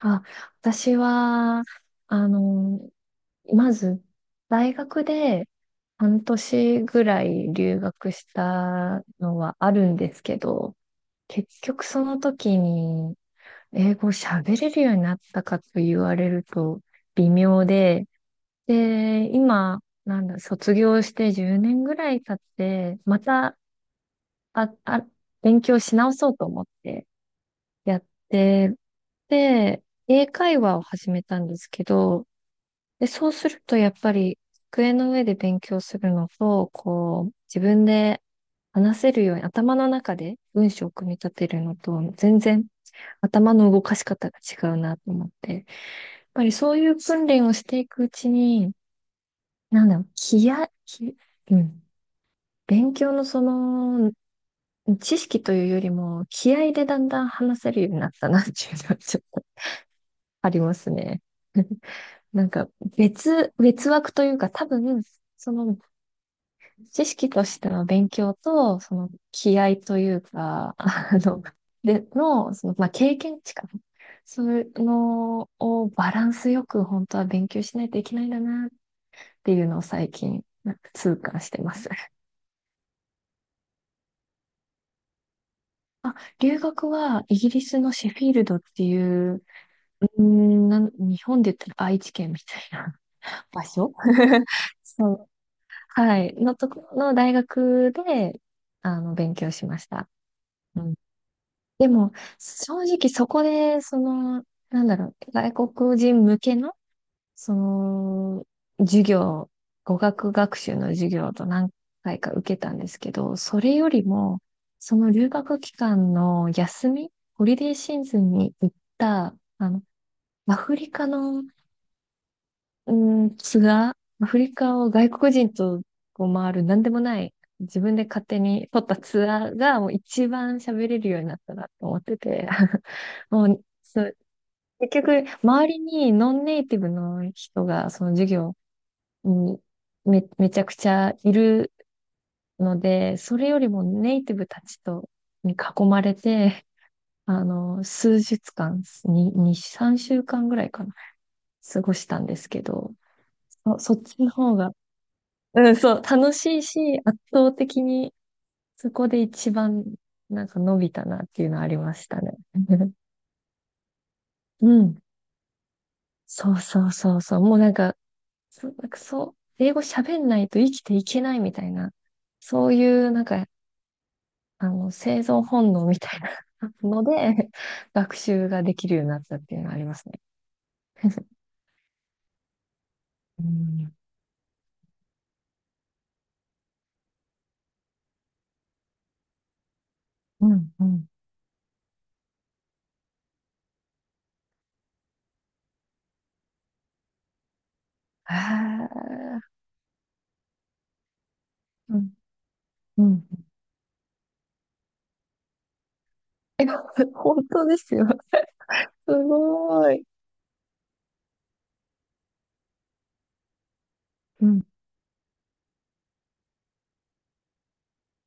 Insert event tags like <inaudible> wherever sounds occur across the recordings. あ、私は、あの、まず、大学で半年ぐらい留学したのはあるんですけど、結局その時に英語喋れるようになったかと言われると微妙で、で、今、なんだ、卒業して10年ぐらい経って、また、あ、あ、勉強し直そうと思ってやって、で、英会話を始めたんですけど、で、そうするとやっぱり机の上で勉強するのと、こう、自分で話せるように頭の中で文章を組み立てるのと、全然頭の動かし方が違うなと思って、やっぱりそういう訓練をしていくうちに、なんだろう、気合気、うん、勉強の知識というよりも、気合でだんだん話せるようになったなっていうのはちょっとありますね。<laughs> なんか別枠というか多分、その知識としての勉強と、その気合というか、<laughs> で、の、その、まあ、経験値かな。そういうのをバランスよく本当は勉強しないといけないんだなっていうのを最近、なんか痛感してます。あ、留学はイギリスのシェフィールドっていう、日本で言ったら愛知県みたいな <laughs> 場所 <laughs> そう、はい、のとこの大学で、勉強しました。うん、でも、正直そこで、なんだろう、外国人向けの、その、授業、語学学習の授業と何回か受けたんですけど、それよりも、その留学期間の休み、ホリデーシーズンに行った、アフリカのうーん、ツアー、アフリカを外国人とこう回る、なんでもない、自分で勝手に取ったツアーが、もう一番喋れるようになったなと思ってて、<laughs> もう、そう、結局、周りにノンネイティブの人が、その授業にめちゃくちゃいるので、それよりもネイティブたちと、に囲まれて、<laughs> あの、数日間、に、2、3週間ぐらいかな、過ごしたんですけど、そっちの方が、うん、そう、楽しいし、圧倒的にそこで一番なんか伸びたなっていうのはありましたね。<laughs> うん。そうそうそうそう。もうなんか、なんかそう、英語喋んないと生きていけないみたいな、そういうなんか、生存本能みたいな <laughs> ので、学習ができるようになったっていうのはありますね。うん、うん、うん。ああ、うん、うん。え、<laughs> 本当ですよ。<laughs> すごい。うん、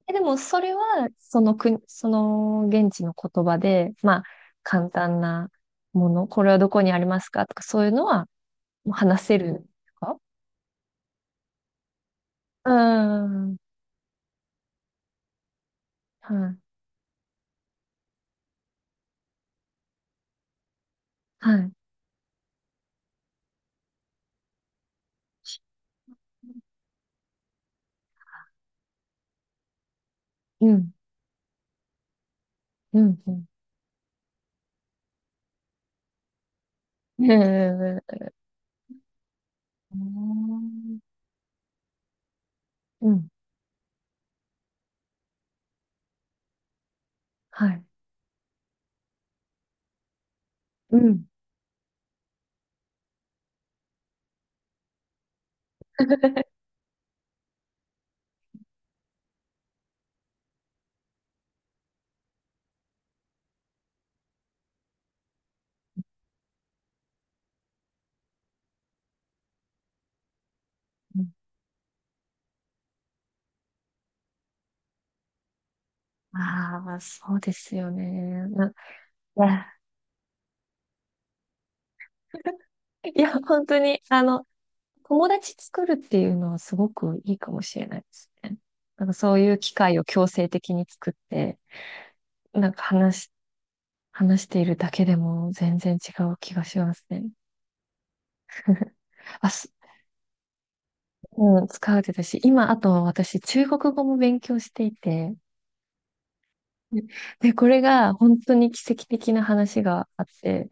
え、でもそれは、その国、その現地の言葉で、まあ、簡単なもの、これはどこにありますかとか、そういうのはもう話せるんですか？うーん。はい。はい。うん。うん。うん。えーうん。はい。うん。<laughs> ああ、そうですよね。ないや、いや、本当に、友達作るっていうのはすごくいいかもしれないですね。なんかそういう機会を強制的に作って、なんか話しているだけでも全然違う気がしますね。<laughs> あ、うん、使うてたし、今、あと私、中国語も勉強していて、で、これが本当に奇跡的な話があって、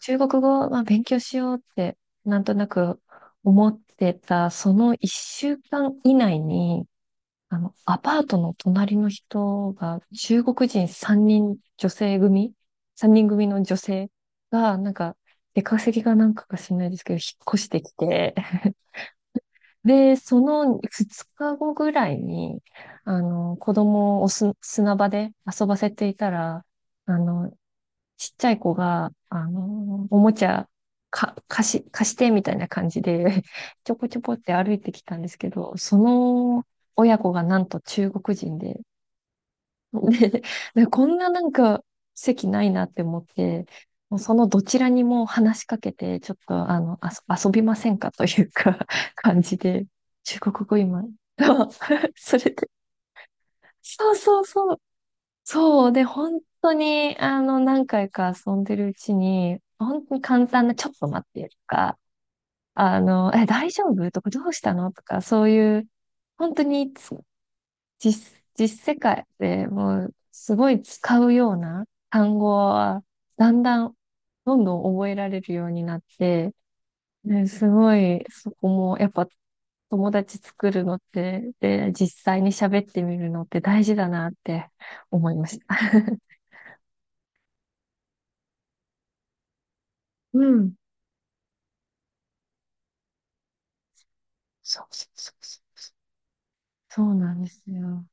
中国語、まあ、勉強しようって、なんとなく思ってた、その一週間以内に、アパートの隣の人が、中国人3人女性組 ?3 人組の女性が、なんか、出稼ぎがなんかか知らないですけど、引っ越してきて、<laughs> で、その2日後ぐらいに、子供を砂場で遊ばせていたら、あの、ちっちゃい子が、おもちゃ、か、貸し、貸してみたいな感じで <laughs> ちょこちょこって歩いてきたんですけど、その親子がなんと中国人で、で、でこんななんか席ないなって思って、もうそのどちらにも話しかけて、ちょっとあの、あそ、遊びませんかというか <laughs> 感じで、中国語今、<laughs> そそれで、そうそうそう、そう。で、本当に、何回か遊んでるうちに、本当に簡単な、ちょっと待ってとか、え、大丈夫とか、どうしたのとか、そういう、本当に実世界でもう、すごい使うような単語は、だんだん、どんどん覚えられるようになって、ね、すごい、そこも、やっぱ、友達作るのって、で、実際に喋ってみるのって大事だなって思いました。<laughs> うん、そうそうそうそう。そうなんですよ。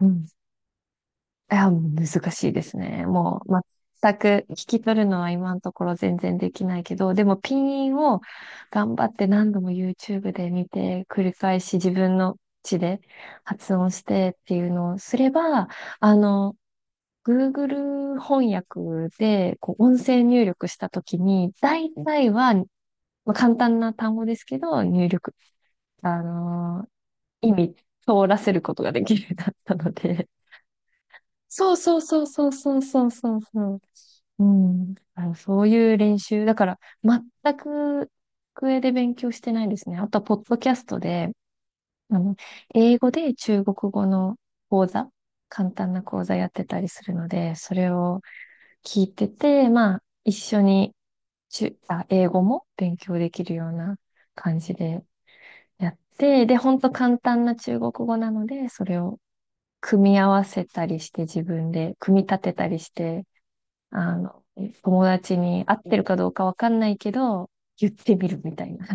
うん。いや、難しいですね。もう、全く聞き取るのは今のところ全然できないけど、でもピンインを頑張って何度も YouTube で見て、繰り返し自分の口で発音してっていうのをすれば、あの、Google 翻訳でこう音声入力したときに、大体は、まあ、簡単な単語ですけど、入力、あの意味通らせることができるようになったので。そうそうそうそうそうそうそうそう。うん。そういう練習。だから、全く机で勉強してないですね。あとは、ポッドキャストで、あの、英語で中国語の講座、簡単な講座やってたりするので、それを聞いてて、まあ、一緒に英語も勉強できるような感じでやって、で、ほんと簡単な中国語なので、それを組み合わせたりして自分で組み立てたりして、あの、友達に合ってるかどうかわかんないけど、言ってみるみたいな。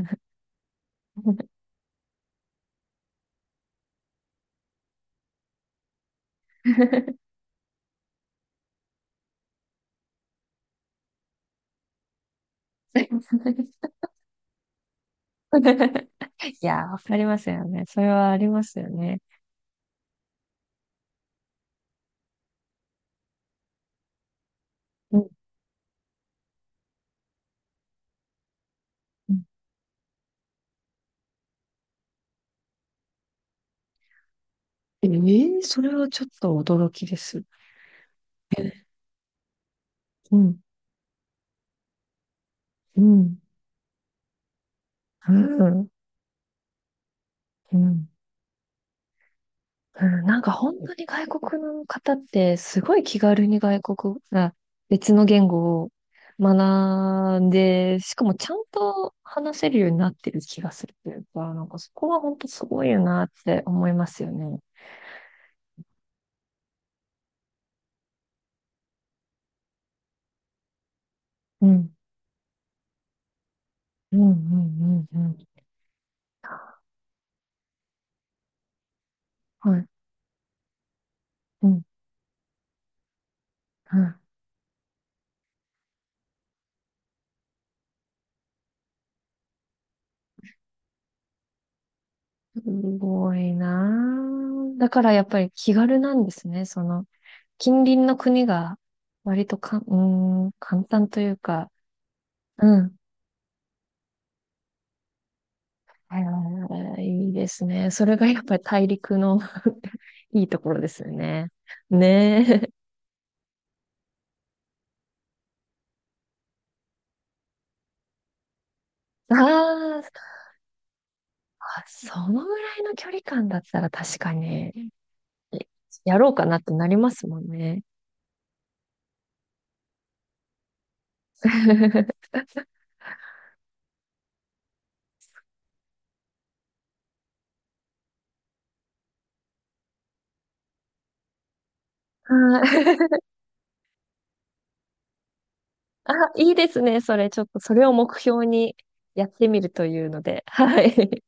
<laughs> いやー、わかりますよね。それはありますよね。うん。うん、ええ、それはちょっと驚きです。うん。うん。うん。うんうん、なんか本当に外国、の方ってすごい気軽に外国、あ、別の言語を学んで、しかもちゃんと話せるようになってる気がするというか、なんかそこは本当すごいよなって思いますよね。うん。うん、うん、うん、うん。はい。うん、うん。すごいなあ、だからやっぱり気軽なんですね。その、近隣の国が割とかん、うーん、簡単というか、うん。あー、いいですね。それがやっぱり大陸の <laughs> いいところですよね。ねえ。<laughs> あーあ、そのぐらいの距離感だったら確かに、やろうかなってなりますもんね。<laughs> はい、あ、いいですね。それ、ちょっとそれを目標にやってみるというので。はい。